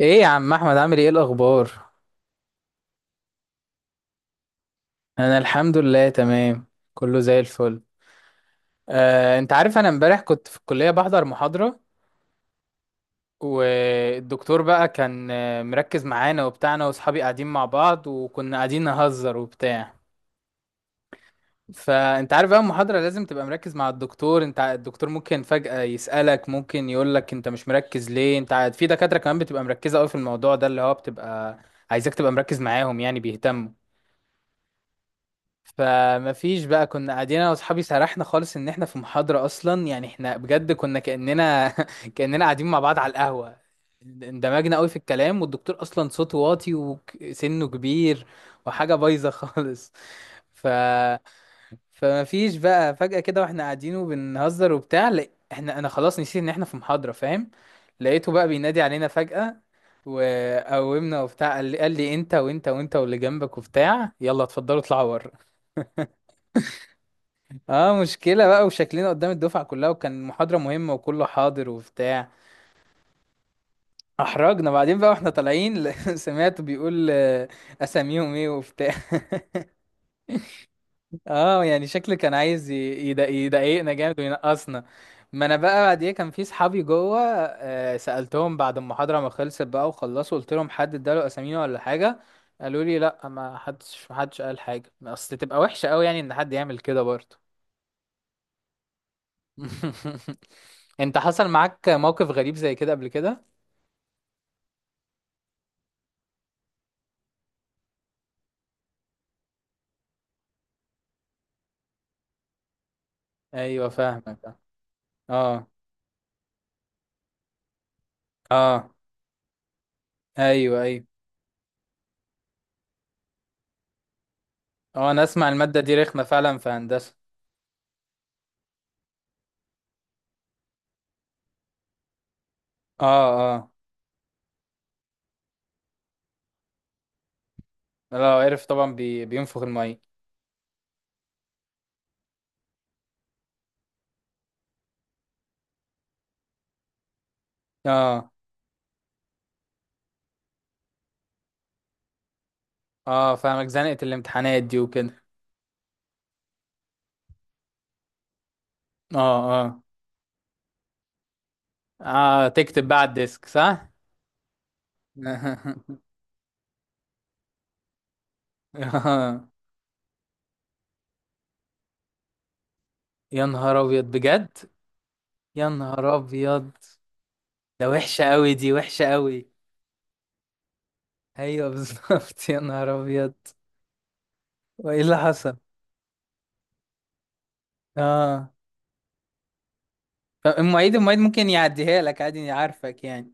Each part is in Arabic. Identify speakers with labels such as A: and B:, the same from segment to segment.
A: ايه يا عم احمد، عامل ايه الاخبار؟ انا الحمد لله تمام. كله زي الفل. انت عارف، انا امبارح كنت في الكليه بحضر محاضره. والدكتور بقى كان مركز معانا وبتاعنا، واصحابي قاعدين مع بعض، وكنا قاعدين نهزر وبتاع. فانت عارف بقى، المحاضره لازم تبقى مركز مع الدكتور. الدكتور ممكن فجاه يسالك، ممكن يقولك انت مش مركز ليه. في دكاتره كمان بتبقى مركزه قوي في الموضوع ده اللي هو بتبقى عايزك تبقى مركز معاهم، يعني بيهتموا. فما فيش بقى، كنا قاعدين انا واصحابي، سرحنا خالص ان احنا في محاضرة اصلا، يعني احنا بجد كنا كأننا كأننا قاعدين مع بعض على القهوة. اندمجنا قوي في الكلام، والدكتور اصلا صوته واطي وسنه كبير، وحاجة بايظة خالص. ف فما فيش بقى، فجأة كده واحنا قاعدين وبنهزر وبتاع، لا انا خلاص نسيت ان احنا في محاضرة، فاهم. لقيته بقى بينادي علينا فجأة، وقومنا وبتاع، قال لي انت وانت وانت واللي جنبك وبتاع، يلا اتفضلوا اطلعوا بره. اه مشكلة بقى، وشكلنا قدام الدفعة كلها، وكان محاضرة مهمة وكله حاضر وبتاع. احرجنا بعدين بقى، واحنا طالعين سمعته بيقول اساميهم ايه وبتاع اه يعني شكله كان عايز يضايقنا جامد وينقصنا. ما انا بقى بعديها كان في صحابي جوه. سألتهم بعد المحاضرة ما خلصت بقى وخلصوا، قلت لهم حد اداله اسامينا ولا حاجة. قالوا لي لا، ما حدش قال حاجة، اصل تبقى وحشة قوي يعني ان حد يعمل كده برضه. انت حصل معاك موقف غريب زي كده قبل كده؟ ايوه فاهمك. اه اه. ايوه ايوه. اه انا اسمع المادة دي رخمة فعلا في هندسة. اه اه. لو عرف طبعا بينفخ المية. اه اه فاهمك، زنقة الامتحانات دي وكده. اه اه اه. تكتب بقى على الديسك، صح؟ آه. يا نهار ابيض بجد. يا نهار ابيض. ده وحشة قوي، دي وحشة قوي. ايوه بالظبط يا نهار ابيض. وايه اللي حصل؟ اه طب المعيد ممكن يعديها لك عادي، عارفك يعني.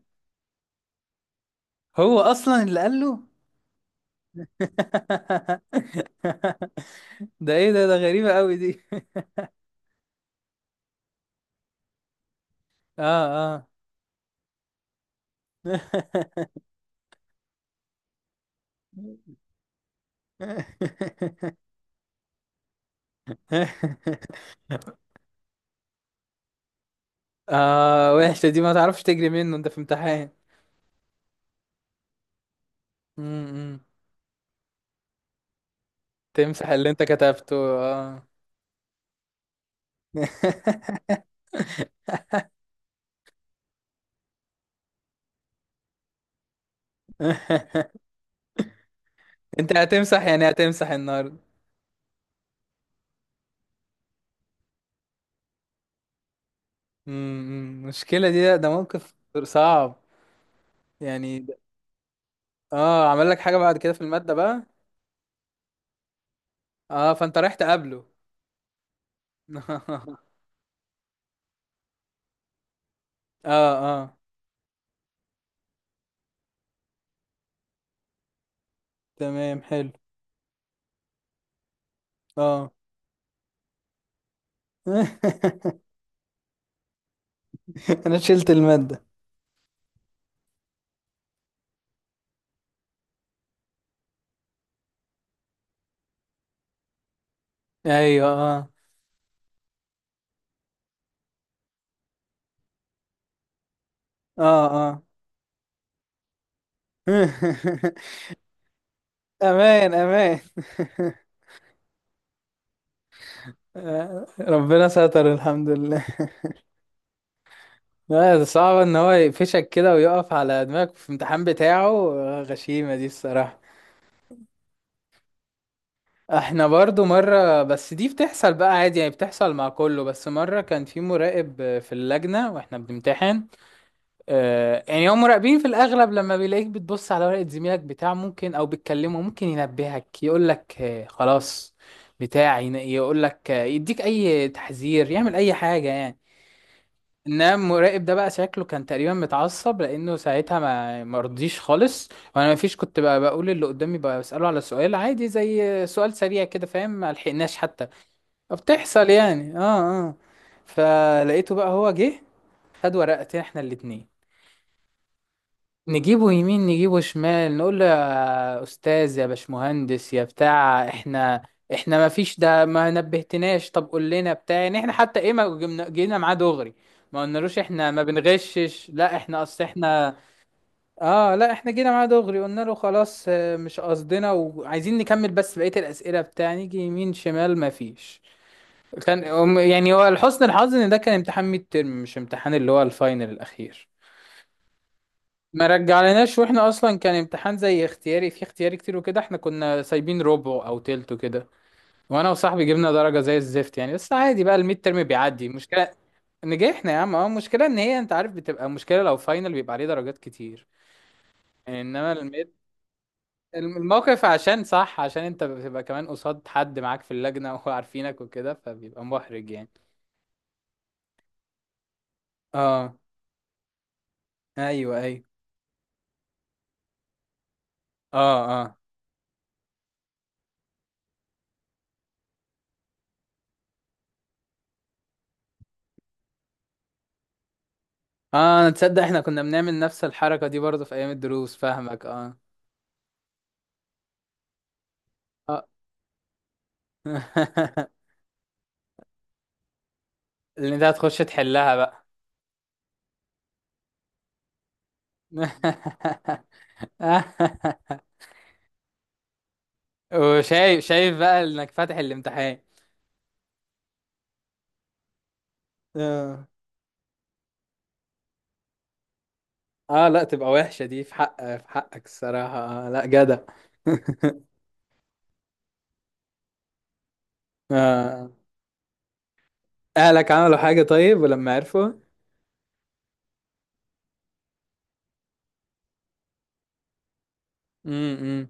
A: هو اصلا اللي قال له. ده ايه ده غريبة قوي دي اه اه. اه، وحشة دي، ما تعرفش تجري منه انت في امتحان. م- م. تمسح اللي انت كتبته، اه. انت هتمسح يعني هتمسح النهارده؟ م- م. المشكلة دي، ده موقف صعب يعني. اه عمل لك حاجة بعد كده في المادة بقى؟ اه فانت رايح تقابله. اه اه، تمام حلو. اه انا شلت المادة. ايوه اه اه اه. امان امان ربنا ستر، الحمد لله لا ده صعب ان هو يقفشك كده ويقف على دماغك في الامتحان بتاعه، غشيمة دي الصراحة. احنا برضو مرة، بس دي بتحصل بقى عادي يعني، بتحصل مع كله. بس مرة كان في مراقب في اللجنة واحنا بنمتحن. يعني هم مراقبين في الاغلب، لما بيلاقيك بتبص على ورقة زميلك بتاع ممكن، او بتكلمه ممكن ينبهك يقولك خلاص. بتاع يقولك يديك اي تحذير، يعمل اي حاجة يعني. انما المراقب ده بقى شكله كان تقريبا متعصب، لانه ساعتها ما مرضيش خالص. وانا ما فيش، كنت بقى بقول اللي قدامي بقى، بساله على سؤال عادي، زي سؤال سريع كده فاهم، ما لحقناش حتى. بتحصل يعني، اه اه. فلقيته بقى هو جه، خد ورقتين احنا الاتنين. نجيبه يمين نجيبه شمال، نقول له يا استاذ يا باشمهندس يا بتاع، احنا ما فيش، ده ما نبهتناش، طب قول لنا بتاع يعني، احنا حتى ايه، ما جبنا- جينا معاه دغري، ما قلنالوش احنا ما بنغشش، لا احنا اصل احنا. اه لا، احنا جينا معاه دغري قلنا له خلاص، مش قصدنا، وعايزين نكمل بس بقية الأسئلة بتاع، نيجي يمين شمال ما فيش. كان يعني هو لحسن الحظ ان ده كان امتحان ميد ترم، مش امتحان اللي هو الفاينل الأخير. ما رجعلناش، واحنا اصلا كان امتحان زي اختياري، في اختياري كتير وكده، احنا كنا سايبين ربع او تلت وكده. وانا وصاحبي جبنا درجه زي الزفت يعني، بس عادي بقى، الميد ترم بيعدي المشكله. نجحنا يا عم، اه المشكله ان هي، انت عارف بتبقى مشكله لو فاينل، بيبقى عليه درجات كتير. يعني انما الميد، الموقف عشان صح، عشان انت بتبقى كمان قصاد حد معاك في اللجنه وعارفينك وكده، فبيبقى محرج يعني. اه ايوه ايوه. اه اه اه تصدق، احنا كنا بنعمل نفس الحركه دي برضه في ايام الدروس، فاهمك اه. آه. اللي انت هتخش تحلها بقى. وشايف شايف بقى انك فاتح الامتحان. اه لا تبقى وحشة دي، في حقك الصراحة. لا جدع. آه. اهلك عملوا حاجة طيب ولما عرفوا؟ امم.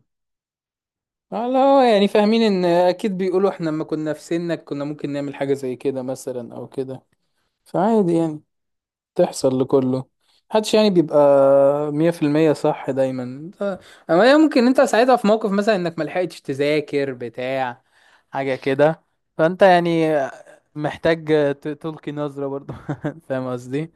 A: لا يعني، فاهمين ان اكيد بيقولوا احنا لما كنا في سنك كنا ممكن نعمل حاجة زي كده مثلا، او كده. فعادي يعني. تحصل لكله، محدش يعني بيبقى مية في المية صح دايما اما هي ممكن انت ساعتها في موقف مثلا انك ملحقتش تذاكر بتاع حاجة كده، فانت يعني محتاج تلقي نظرة برضو. فاهم قصدي.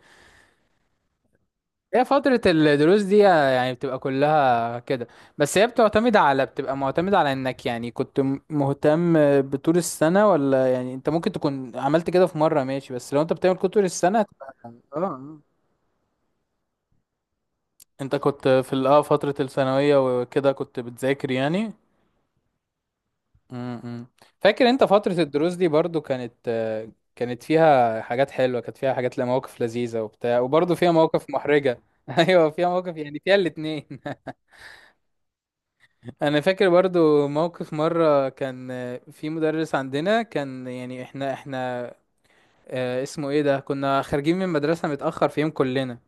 A: هي فترة الدروس دي يعني بتبقى كلها كده، بس هي بتعتمد على، بتبقى معتمدة على انك يعني كنت مهتم بطول السنة، ولا يعني انت ممكن تكون عملت كده في مرة ماشي، بس لو انت بتعمل كده طول السنة هتبقى. اه انت كنت في فترة الثانوية وكده كنت بتذاكر يعني. امم. فاكر انت فترة الدروس دي برضو، كانت فيها حاجات حلوة، كانت فيها حاجات لا، مواقف لذيذة وبتاع، وبرضو فيها مواقف محرجة ايوه فيها مواقف، يعني فيها الاتنين. انا فاكر برضو موقف مرة كان في مدرس عندنا كان يعني احنا. اسمه ايه ده، كنا خارجين من مدرسة متأخر في يوم كلنا.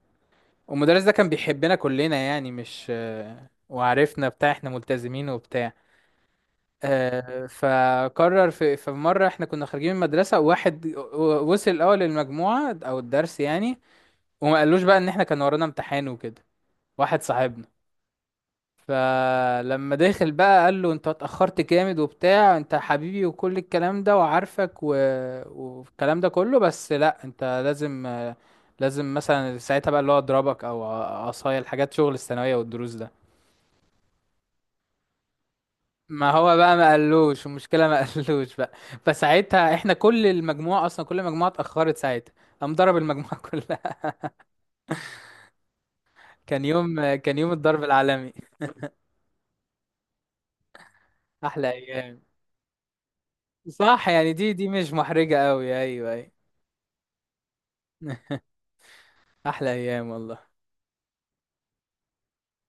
A: والمدرس ده كان بيحبنا كلنا يعني، مش وعرفنا بتاع احنا ملتزمين وبتاع. فقرر في مرة احنا كنا خارجين من المدرسة، واحد وصل الأول للمجموعة أو الدرس يعني، وما قالوش بقى إن احنا كان ورانا امتحان وكده، واحد صاحبنا. فلما داخل بقى قال له انت اتأخرت جامد وبتاع، انت حبيبي وكل الكلام ده، وعارفك والكلام ده كله. بس لا، انت لازم لازم مثلا ساعتها بقى اللي هو اضربك، او عصاية، الحاجات شغل الثانوية والدروس ده. ما هو بقى ما قالوش المشكله، ما قالوش بقى. فساعتها احنا كل المجموعه اصلا، كل المجموعه اتاخرت ساعتها، قام ضرب المجموعه كلها. كان يوم الضرب العالمي. احلى ايام. صح يعني، دي مش محرجه قوي، ايوه ايوه. احلى ايام والله.